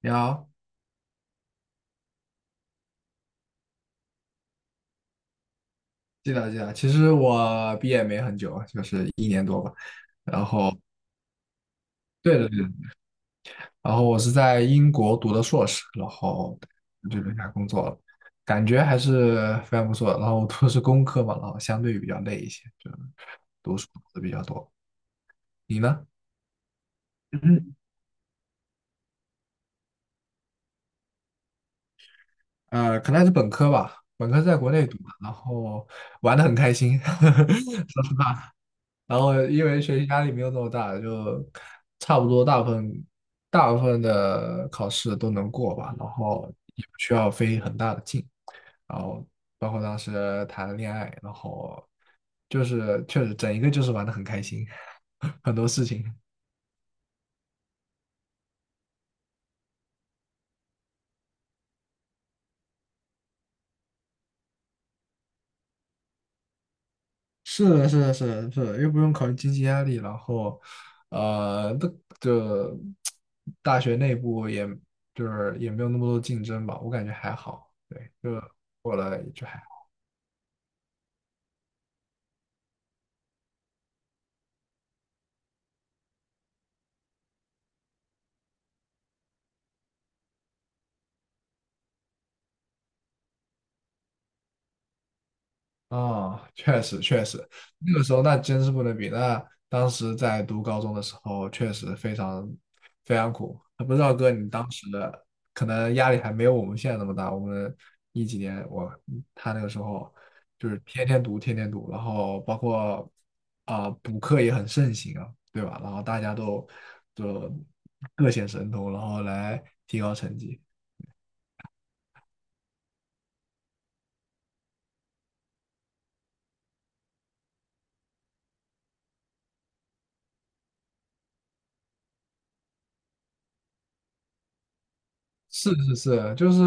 你好，记得记得。其实我毕业没很久，就是一年多吧。对对对。然后我是在英国读的硕士，然后就留下来工作了，感觉还是非常不错的。然后我读的是工科嘛，然后相对比较累一些，就读书读的比较多。你呢？嗯，可能还是本科吧，本科是在国内读的。然后玩的很开心，说实话，然后因为学习压力没有那么大，就差不多大部分的考试都能过吧，然后也不需要费很大的劲，然后包括当时谈了恋爱，然后就是确实整一个就是玩的很开心，很多事情。是的，是的，是的，是的，又不用考虑经济压力，然后，呃，那就大学内部也就是也没有那么多竞争吧，我感觉还好，对，就过了就还。哦，确实确实，那个时候那真是不能比。那当时在读高中的时候，确实非常苦。不知道哥，你当时的可能压力还没有我们现在那么大。我们一几年，他那个时候就是天天读，天天读，然后包括补课也很盛行啊，对吧？然后大家都就各显神通，然后来提高成绩。是是是，就是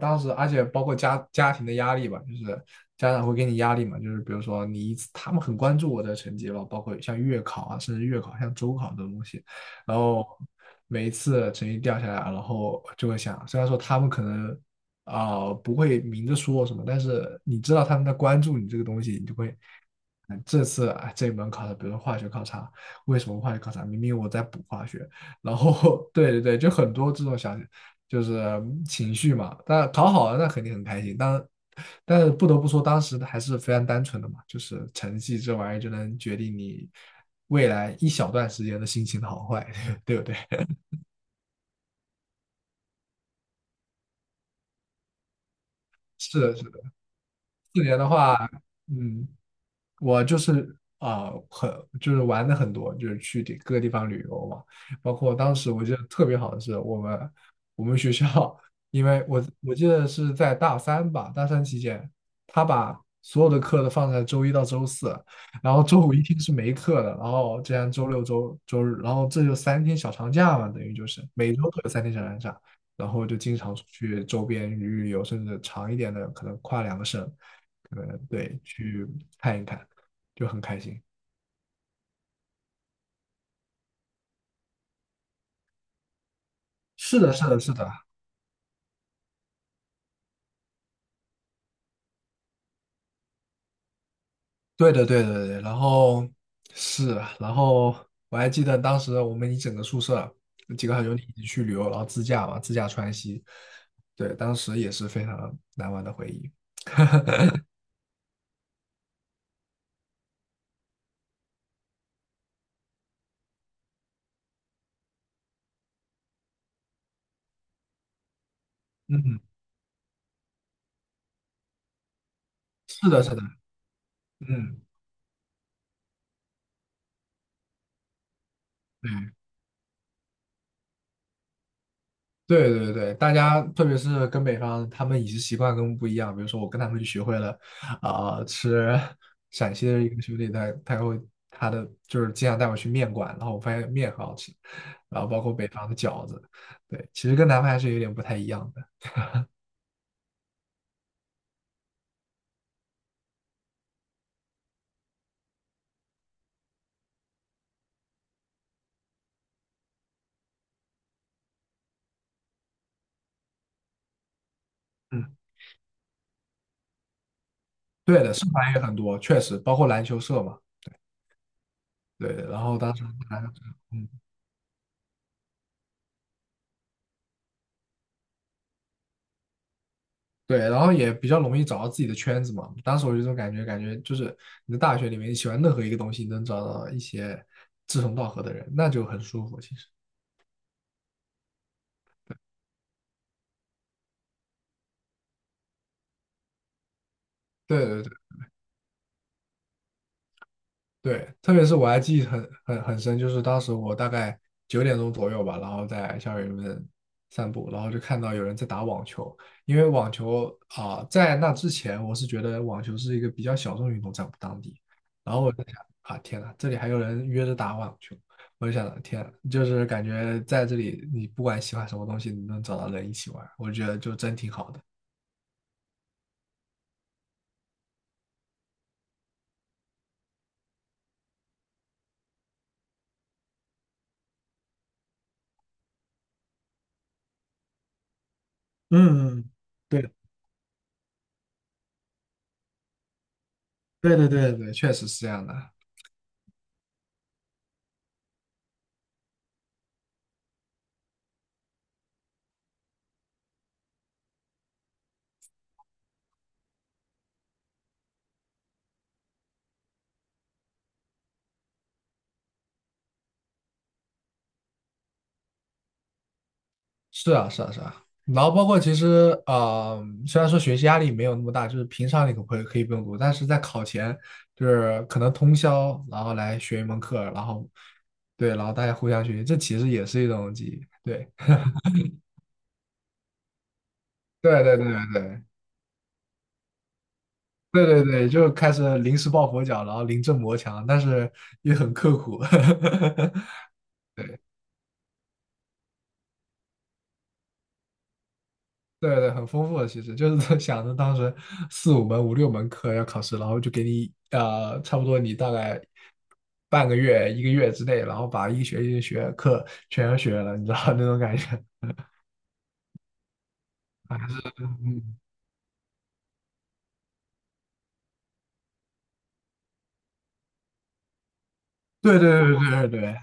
当时，而且包括家庭的压力吧，就是家长会给你压力嘛，就是比如说你一次，他们很关注我的成绩吧，包括像月考啊，甚至月考、像周考这种东西，然后每一次成绩掉下来，然后就会想，虽然说他们可能不会明着说什么，但是你知道他们在关注你这个东西，你就会，嗯，这次啊这一门考的，比如说化学考察，为什么化学考察？明明我在补化学，然后 对对对，就很多这种小就是嗯情绪嘛。但考好了，那肯定很开心。但是不得不说，当时还是非常单纯的嘛，就是成绩这玩意儿就能决定你未来一小段时间的心情的好坏，对不对？是的，是的。四年的话，嗯，我就是就是玩的很多，就是去各个地方旅游嘛。包括当时我记得特别好的是，我们学校，因为我记得是在大三吧，大三期间，他把所有的课都放在周一到周四，然后周五一天是没课的，然后这样周六周日，然后这就三天小长假嘛，等于就是每周都有三天小长假，然后就经常出去周边旅游，甚至长一点的可能跨两个省，可能对去看一看。就很开心。是的，是的，是的，对的，对的，对的。然后是啊，然后我还记得当时我们一整个宿舍几个好兄弟一起去旅游，然后自驾嘛，自驾川西。对，当时也是非常难忘的回忆。嗯，是的，是的，嗯，对。对对对，大家特别是跟北方，他们饮食习惯跟我们不一样。比如说，我跟他们就学会了吃陕西的一个兄弟，他就是经常带我去面馆，然后我发现面很好吃，然后包括北方的饺子，对，其实跟南方还是有点不太一样的。嗯，对的，社团也很多，确实包括篮球社嘛，对。然后当时嗯对，然后也比较容易找到自己的圈子嘛。当时我有一种感觉，感觉就是你在大学里面，你喜欢任何一个东西，能找到一些志同道合的人，那就很舒服。其实，对对对。对，特别是我还记忆很深，就是当时我大概九点钟左右吧，然后在校园里面散步，然后就看到有人在打网球。因为网球在那之前我是觉得网球是一个比较小众运动，在我们当地。然后我在想啊，天呐，这里还有人约着打网球，我就想，天呐，就是感觉在这里，你不管喜欢什么东西，你能找到人一起玩，我觉得就真挺好的。嗯，嗯对，对对对，对，确实是这样的。是啊，是啊，是啊。然后包括其实虽然说学习压力没有那么大，就是平常你可以不用读，但是在考前就是可能通宵，然后来学一门课，然后对，然后大家互相学习，这其实也是一种记忆。对，对，对，对，对，对，对，对，对，就开始临时抱佛脚，然后临阵磨枪，但是也很刻苦。对。对对，很丰富的，其实就是想着当时四五门、五六门课要考试，然后就给你差不多你大概半个月、一个月之内，然后把一学期的学课全学了，你知道 那种感觉。嗯，对对对对对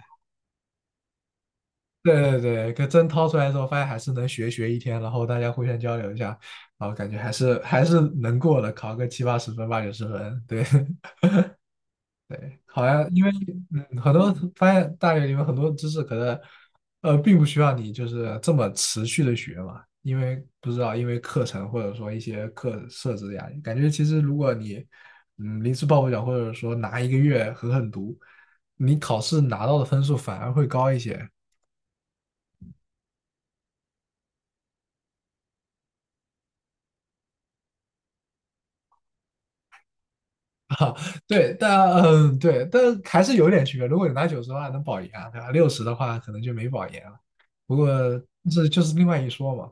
对对对对，可真掏出来之后，发现还是能学一天，然后大家互相交流一下，然后感觉还是能过的，考个七八十分、八九十分，对。好像因为嗯，很多发现大学里面很多知识可能并不需要你就是这么持续的学嘛，因为不知道因为课程或者说一些课设置的压力，感觉其实如果你嗯临时抱佛脚或者说拿一个月狠狠读，你考试拿到的分数反而会高一些。 啊。对，但嗯对，但还是有点区别。如果你拿九十的话能保研啊，对吧？六十的话可能就没保研了。不过这就是另外一说嘛。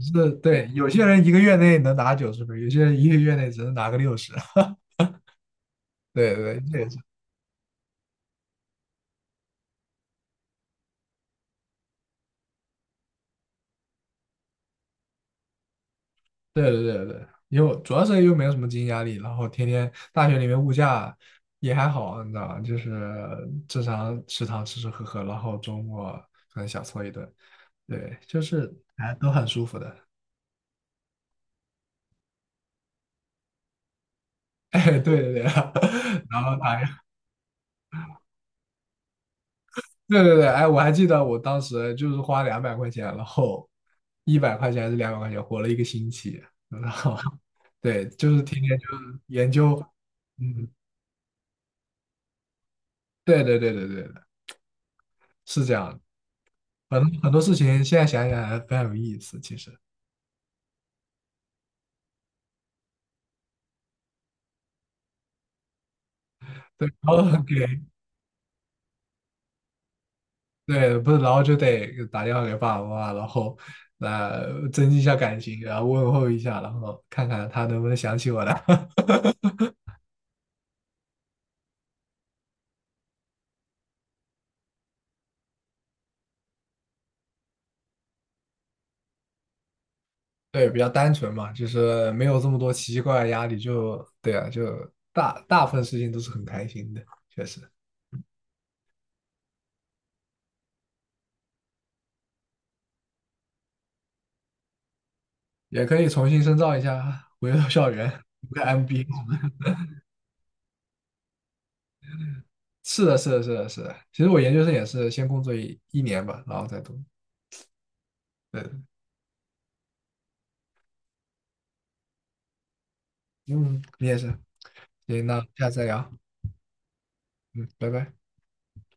是对，有些人一个月内能拿九十分，有些人一个月内只能拿个六十。对对，这也是对对对对，因为主要是又没有什么经济压力，然后天天大学里面物价也还好，你知道吧？就是正常食堂吃吃喝喝，然后周末可能小搓一顿，对，就是哎都很舒服的。哎，对对对，然后打对对对，哎，我还记得我当时就是花两百块钱，然后100块钱还是两百块钱，活了一个星期，然后 对，就是天天就是研究，嗯，对对对对对的，是这样的，很多很多事情现在想想还非常有意思，其实对，然后给对不是，然后就得打电话给爸爸妈妈，然后来增进一下感情，然后问候一下，然后看看他能不能想起我来。对，比较单纯嘛，就是没有这么多奇奇怪怪的压力，就对啊，就大部分事情都是很开心的，确实也可以重新深造一下，回到校园，读个 MBA。是的，是的，是的，是的。其实我研究生也是先工作一年吧，然后再读。对，嗯，你也是。行，那下次再聊。嗯，拜拜。